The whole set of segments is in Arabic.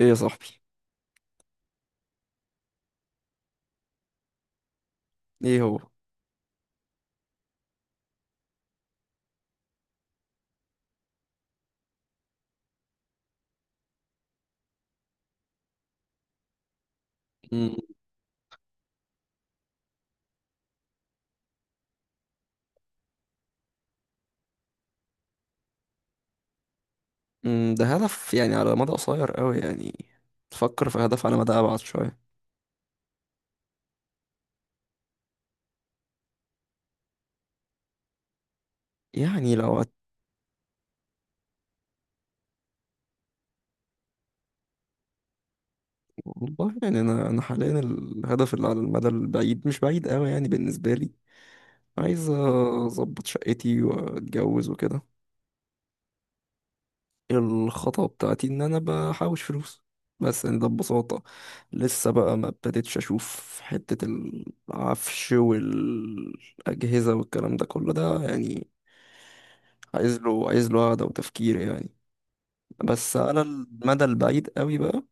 ايه يا صاحبي. ايه هو؟ مم. مم. ده هدف يعني على مدى قصير قوي يعني. تفكر في هدف على مدى ابعد شويه؟ يعني لو والله يعني انا حاليا الهدف اللي على المدى البعيد مش بعيد قوي يعني بالنسبه لي. عايز اظبط شقتي واتجوز وكده. الخطوه بتاعتي ان انا بحوش فلوس، بس يعني ده ببساطه. لسه بقى ما ابتديتش اشوف حته العفش والاجهزه والكلام ده كله ده يعني. عايز له قعدة وتفكير يعني، بس على المدى البعيد قوي بقى.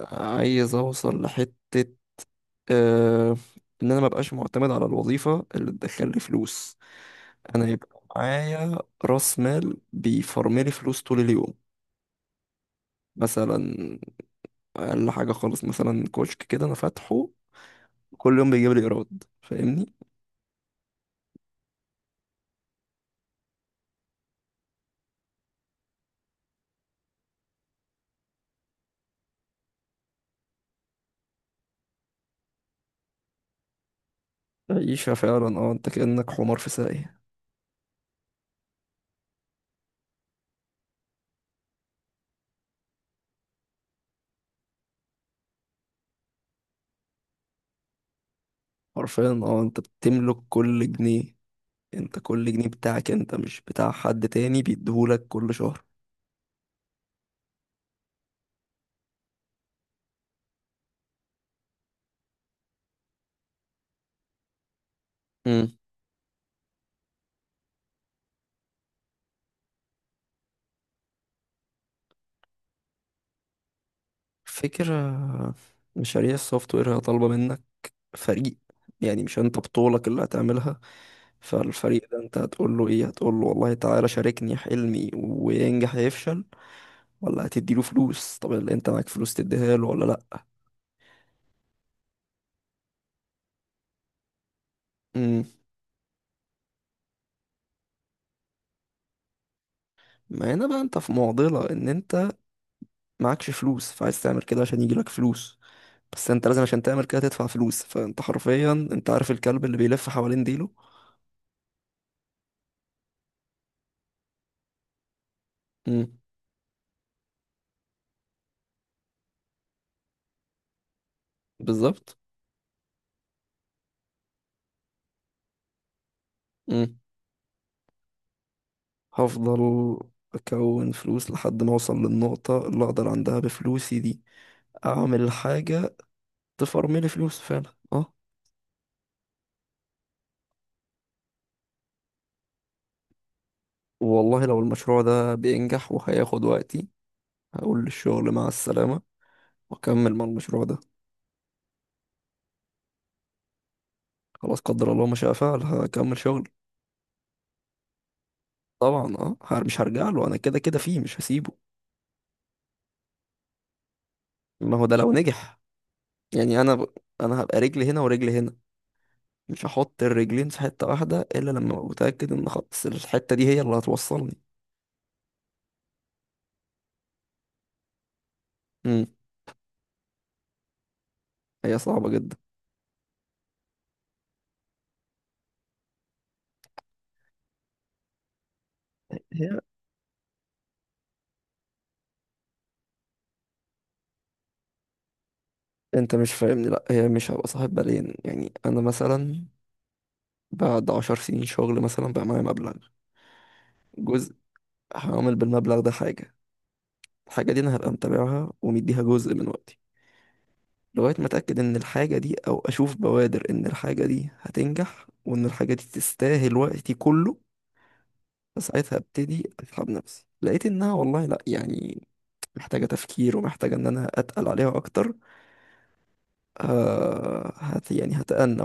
عايز اوصل لحتة، آه ان انا مبقاش معتمد على الوظيفة اللي تدخلي فلوس. انا يبقى معايا راس مال بيفرملي فلوس طول اليوم. مثلا اقل حاجة خالص، مثلا كشك كده انا فاتحه كل يوم بيجيب لي ايراد، فاهمني. عيشة فعلا، اه، انت كأنك حمار في ساقية. حرفيا، اه، انت بتملك كل جنيه. انت كل جنيه بتاعك انت مش بتاع حد تاني بيديهولك كل شهر. امم. فكرة. مشاريع السوفت وير هي طالبة منك فريق، يعني مش انت بطولك اللي هتعملها. فالفريق ده انت هتقول له ايه؟ هتقول له والله تعالى شاركني حلمي وينجح يفشل؟ ولا هتديله فلوس؟ طب اللي انت معاك فلوس تديها له ولا لا؟ امم. ما هنا بقى انت في معضلة ان انت معكش فلوس فعايز تعمل كده عشان يجيلك فلوس، بس انت لازم عشان تعمل كده تدفع فلوس. فانت حرفيا انت عارف الكلب اللي بيلف حوالين ديله. مم. بالظبط. مم. هفضل أكون فلوس لحد ما أوصل للنقطة اللي أقدر عندها بفلوسي دي أعمل حاجة تفرملي فلوس فعلا، أه. والله لو المشروع ده بينجح وهياخد وقتي، هقول للشغل مع السلامة وأكمل مع المشروع ده. خلاص، قدر الله ما شاء فعل، هكمل شغل. طبعا أه، مش هرجع له، أنا كده كده فيه مش هسيبه. ما هو ده لو نجح. يعني أنا هبقى رجلي هنا ورجلي هنا، مش هحط الرجلين في حتة واحدة إلا لما أبقى متأكد إن خلاص الحتة دي هي اللي هتوصلني. مم. هي صعبة جدا. هي أنت مش فاهمني، لأ، هي مش هبقى صاحب بالين. يعني أنا مثلا بعد 10 سنين شغل مثلا بقى معايا مبلغ، جزء هعمل بالمبلغ ده حاجة. الحاجة دي أنا هبقى متابعها ومديها جزء من وقتي لغاية ما أتأكد إن الحاجة دي، أو أشوف بوادر إن الحاجة دي هتنجح وإن الحاجة دي تستاهل وقتي كله. فساعتها ابتدي اسحب نفسي. لقيت انها والله لا يعني محتاجة تفكير ومحتاجة إن أنا أتقل عليها أكتر، آه هت يعني هتأنى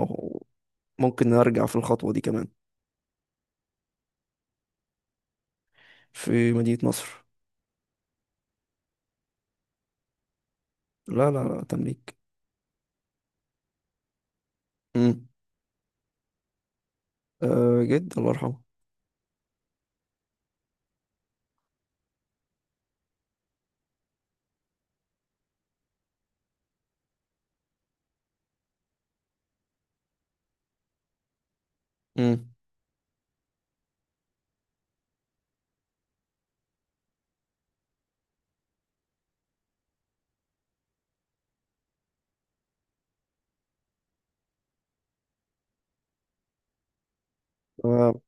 وممكن أرجع في الخطوة دي كمان. في مدينة نصر. لا، لا، لا، تمليك. مم. آه، جد الله يرحمه. مم. آه.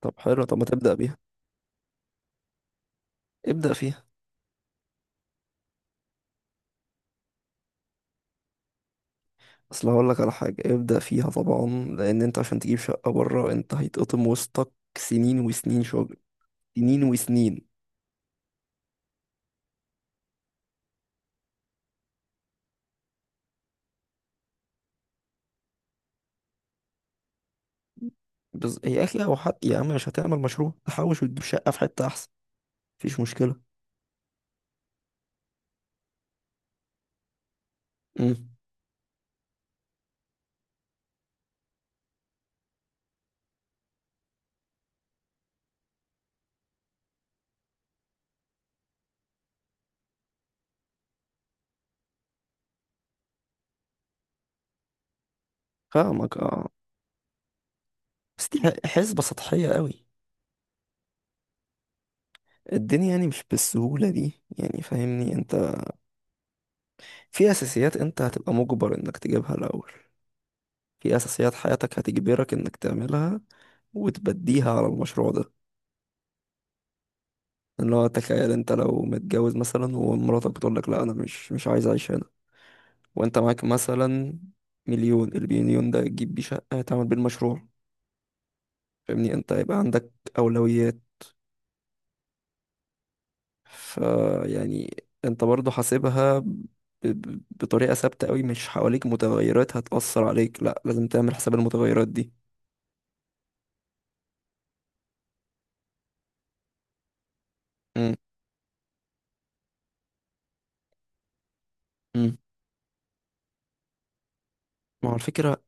طب حلو، طب ما تبدأ بيها، ابدأ فيها. أصل هقول لك على حاجة، ابدأ فيها طبعا، لأن أنت عشان تجيب شقة بره أنت هيتقطم وسطك سنين وسنين شغل، سنين وسنين. يا أخي أو حتى يا عم، مش هتعمل مشروع تحوش وتجيب شقة في حتة أحسن؟ مفيش مشكلة. مم. فاهمك اه، بس دي حسبة سطحية قوي. الدنيا يعني مش بالسهولة دي، يعني فاهمني انت. في اساسيات انت هتبقى مجبر انك تجيبها الاول، في اساسيات حياتك هتجبرك انك تعملها وتبديها على المشروع ده. اللي هو تخيل انت لو متجوز مثلا ومراتك بتقول لك لا، انا مش عايز اعيش هنا وانت معاك مثلا مليون. المليون ده تجيب بيه شقة تعمل بيه المشروع؟ فاهمني انت هيبقى عندك اولويات. فيعني انت برضو حاسبها ب- ب- بطريقة ثابتة قوي، مش حواليك متغيرات هتأثر عليك؟ لا، لازم تعمل حساب المتغيرات دي. امم. امم. ما هو الفكرة.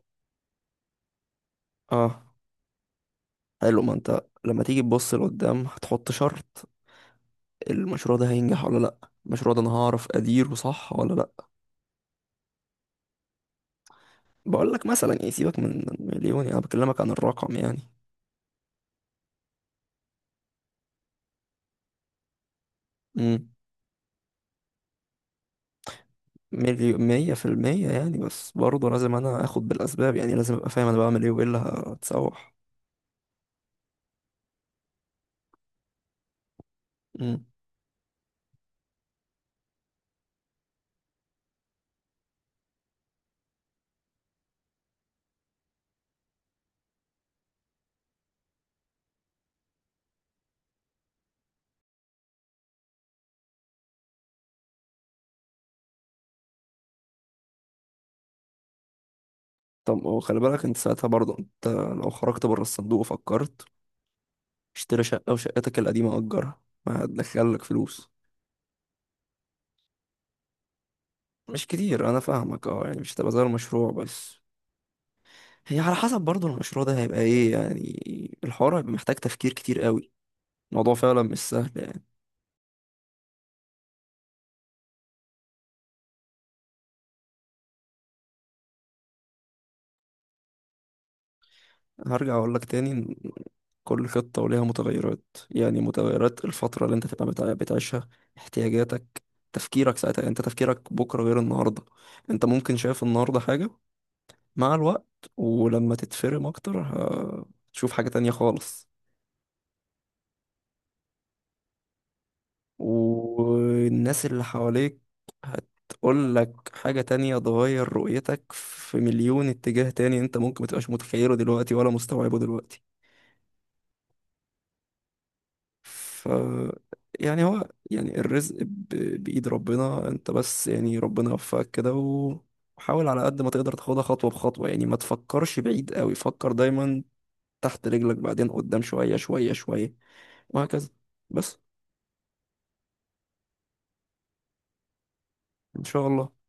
اه. حلو، ما انت لما تيجي تبص لقدام هتحط شرط المشروع ده هينجح ولا لا، المشروع ده انا هعرف اديره صح ولا لا. بقول لك مثلا، يعني سيبك من مليون، انا بكلمك عن الرقم يعني. امم. مليون 100% يعني، بس برضه لازم انا اخد بالاسباب يعني، لازم ابقى فاهم انا بعمل ايه وايه اللي هتسوح. طب ما هو خلي بالك انت ساعتها برضه، انت لو خرجت بره الصندوق وفكرت اشتري شقة وشقتك القديمة أجرها، ما هتدخلك فلوس؟ مش كتير، أنا فاهمك اه، يعني مش هتبقى زي المشروع، بس هي على حسب برضه المشروع ده هيبقى ايه، يعني الحوار هيبقى محتاج تفكير كتير قوي. الموضوع فعلا مش سهل يعني. هرجع أقول لك تاني إن كل خطة وليها متغيرات، يعني متغيرات الفترة اللي انت تبقى بتعيشها، احتياجاتك، تفكيرك ساعتها. يعني انت تفكيرك بكرة غير النهاردة. انت ممكن شايف النهاردة حاجة، مع الوقت ولما تتفرم اكتر هتشوف حاجة تانية خالص. والناس اللي حواليك هتقول لك حاجة تانية تغير رؤيتك في مليون اتجاه تاني انت ممكن متبقاش متخيله دلوقتي ولا مستوعبه دلوقتي. ف يعني هو يعني الرزق بإيد ربنا. انت بس يعني ربنا يوفقك كده وحاول على قد ما تقدر تاخدها خطوة بخطوة. يعني ما تفكرش بعيد قوي، فكر دايما تحت رجلك بعدين قدام، شوية شوية شوية، وهكذا. بس. ان شاء الله.